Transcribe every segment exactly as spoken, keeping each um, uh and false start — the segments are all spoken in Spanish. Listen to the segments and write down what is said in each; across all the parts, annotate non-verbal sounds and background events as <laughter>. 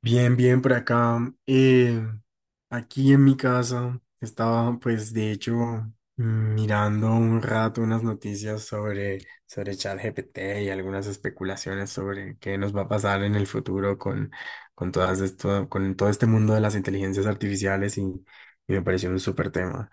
Bien, bien por acá. Eh, Aquí en mi casa estaba, pues, de hecho, mm, mirando un rato unas noticias sobre, sobre ChatGPT y algunas especulaciones sobre qué nos va a pasar en el futuro con, con todas esto, con todo este mundo de las inteligencias artificiales y, y me pareció un súper tema.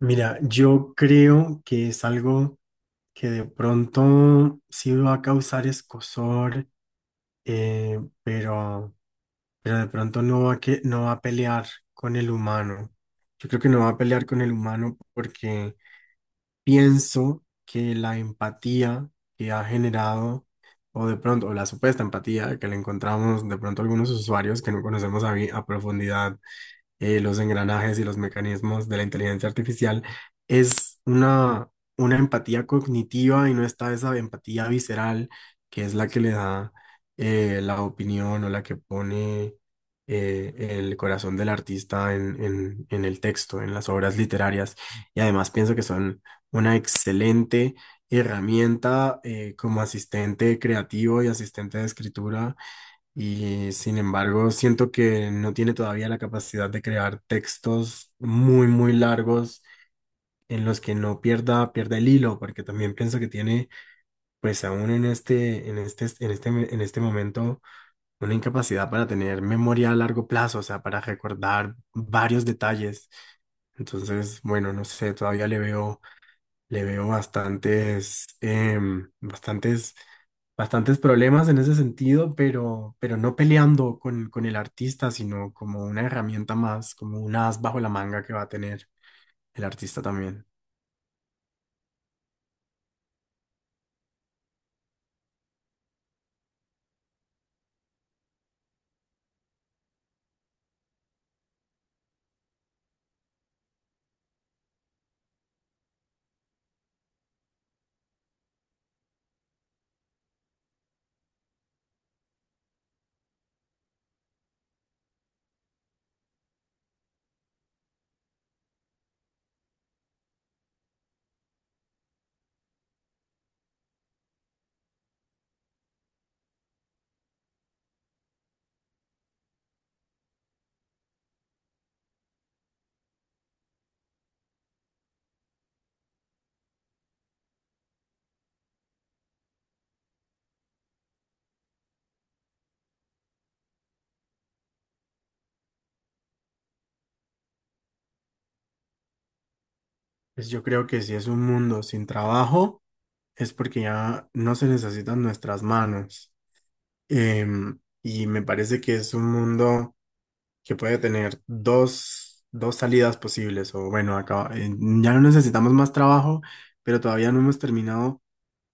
Mira, yo creo que es algo que de pronto sí va a causar escozor, eh, pero. pero de pronto no va que, no va a pelear con el humano. Yo creo que no va a pelear con el humano porque pienso que la empatía que ha generado, o de pronto, o la supuesta empatía que le encontramos de pronto a algunos usuarios que no conocemos a, bi- a profundidad eh, los engranajes y los mecanismos de la inteligencia artificial, es una, una empatía cognitiva y no está esa empatía visceral que es la que le da eh, la opinión o la que pone eh, el corazón del artista en, en, en el texto, en las obras literarias. Y además pienso que son una excelente herramienta eh, como asistente creativo y asistente de escritura y sin embargo, siento que no tiene todavía la capacidad de crear textos muy, muy largos en los que no pierda, pierda el hilo, porque también pienso que tiene, pues aún en este, en este, en este, en este momento, una incapacidad para tener memoria a largo plazo, o sea, para recordar varios detalles. Entonces, bueno, no sé, todavía le veo le veo bastantes, em, bastantes, bastantes problemas en ese sentido, pero, pero no peleando con, con el artista, sino como una herramienta más, como un as bajo la manga que va a tener el artista también. Pues yo creo que si es un mundo sin trabajo, es porque ya no se necesitan nuestras manos. Em, y me parece que es un mundo... que puede tener dos, dos salidas posibles, o bueno, acá eh, ya no necesitamos más trabajo, pero todavía no hemos terminado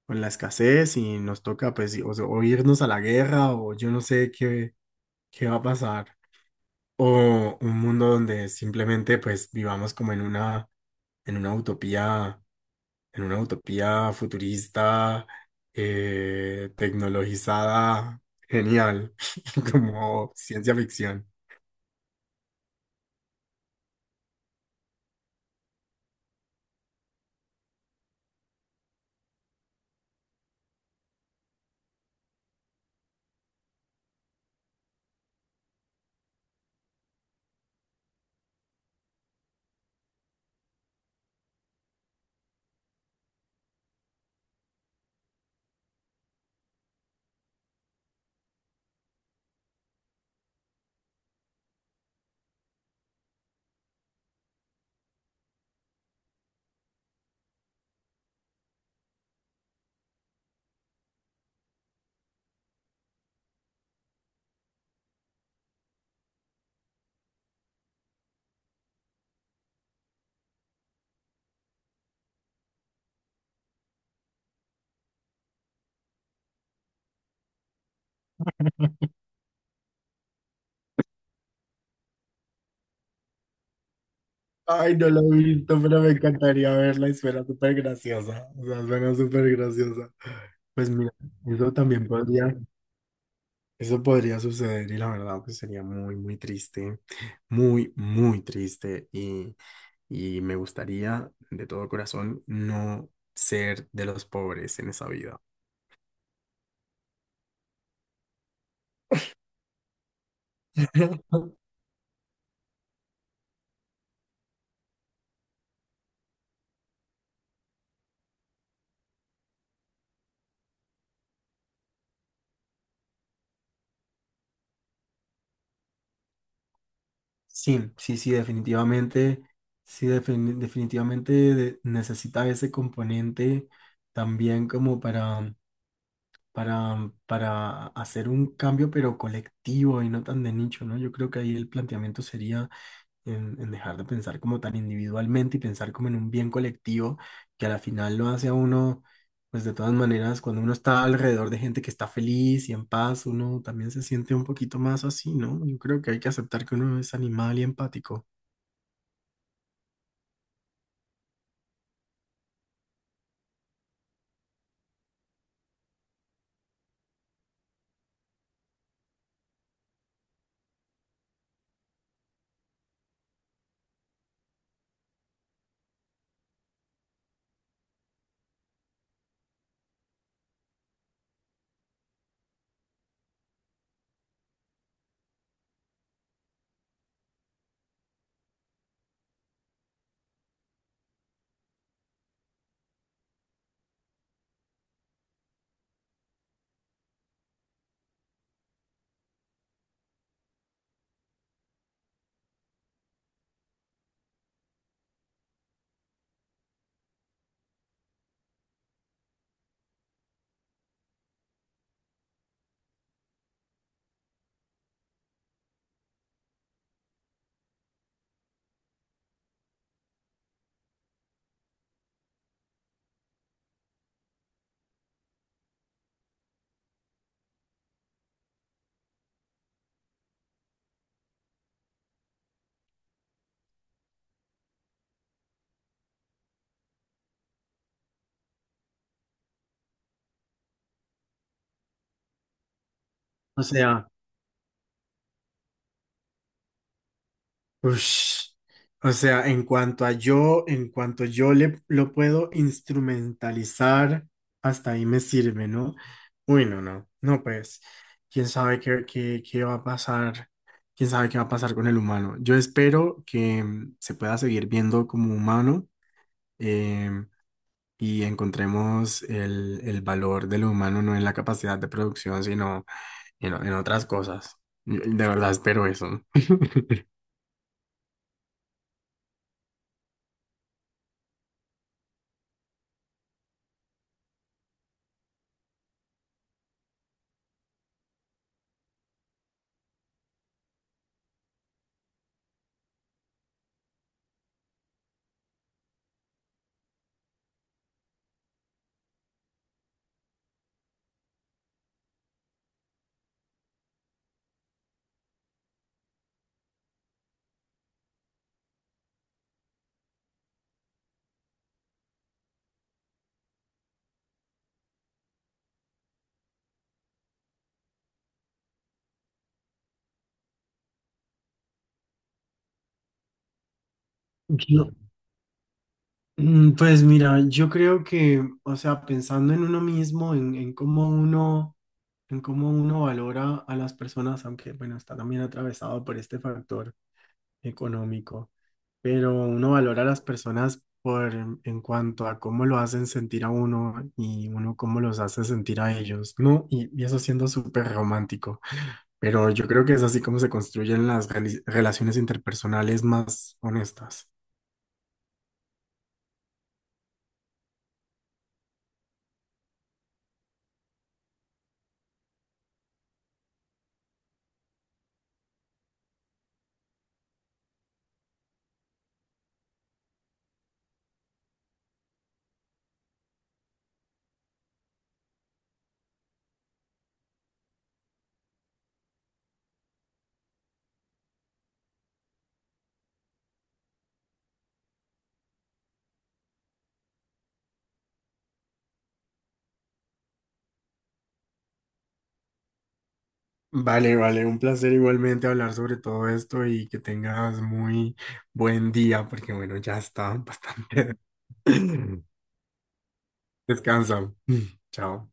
con la escasez y nos toca pues o, o irnos a la guerra o yo no sé qué, qué va a pasar, o un mundo donde simplemente pues vivamos como en una, en una utopía, en una utopía futurista, eh, tecnologizada, genial, <laughs> como ciencia ficción. Ay, no la he visto, pero me encantaría verla y suena súper graciosa. O sea, suena súper graciosa. Pues mira, eso también podría, eso podría suceder y la verdad pues sería muy, muy triste, muy, muy triste y, y me gustaría de todo corazón no ser de los pobres en esa vida. <laughs> Sí, sí, sí, definitivamente, sí, defini- definitivamente de- necesita ese componente también como para para, para hacer un cambio, pero colectivo y no tan de nicho, ¿no? Yo creo que ahí el planteamiento sería en, en dejar de pensar como tan individualmente y pensar como en un bien colectivo, que a la final lo hace a uno, pues de todas maneras, cuando uno está alrededor de gente que está feliz y en paz, uno también se siente un poquito más así, ¿no? Yo creo que hay que aceptar que uno es animal y empático. O sea, ush. O sea, en cuanto a yo, en cuanto yo le, lo puedo instrumentalizar, hasta ahí me sirve, ¿no? Uy, no, no, no, pues, quién sabe qué, qué, qué va a pasar, quién sabe qué va a pasar con el humano. Yo espero que mm, se pueda seguir viendo como humano em, y encontremos el, el valor de lo humano no en la capacidad de producción, sino en, en otras cosas. Yo- De verdad espero eso. <laughs> Yo- Mm, Pues mira, yo creo que, o sea, pensando en uno mismo, en, en cómo uno, en cómo uno valora a las personas, aunque bueno, está también atravesado por este factor económico, pero uno valora a las personas por en cuanto a cómo lo hacen sentir a uno y uno cómo los hace sentir a ellos, ¿no? Y, y eso siendo súper romántico, pero yo creo que es así como se construyen las reli- relaciones interpersonales más honestas. Vale, vale, un placer igualmente hablar sobre todo esto y que tengas muy buen día, porque bueno, ya está bastante. <laughs> Descansa. <laughs> Chao.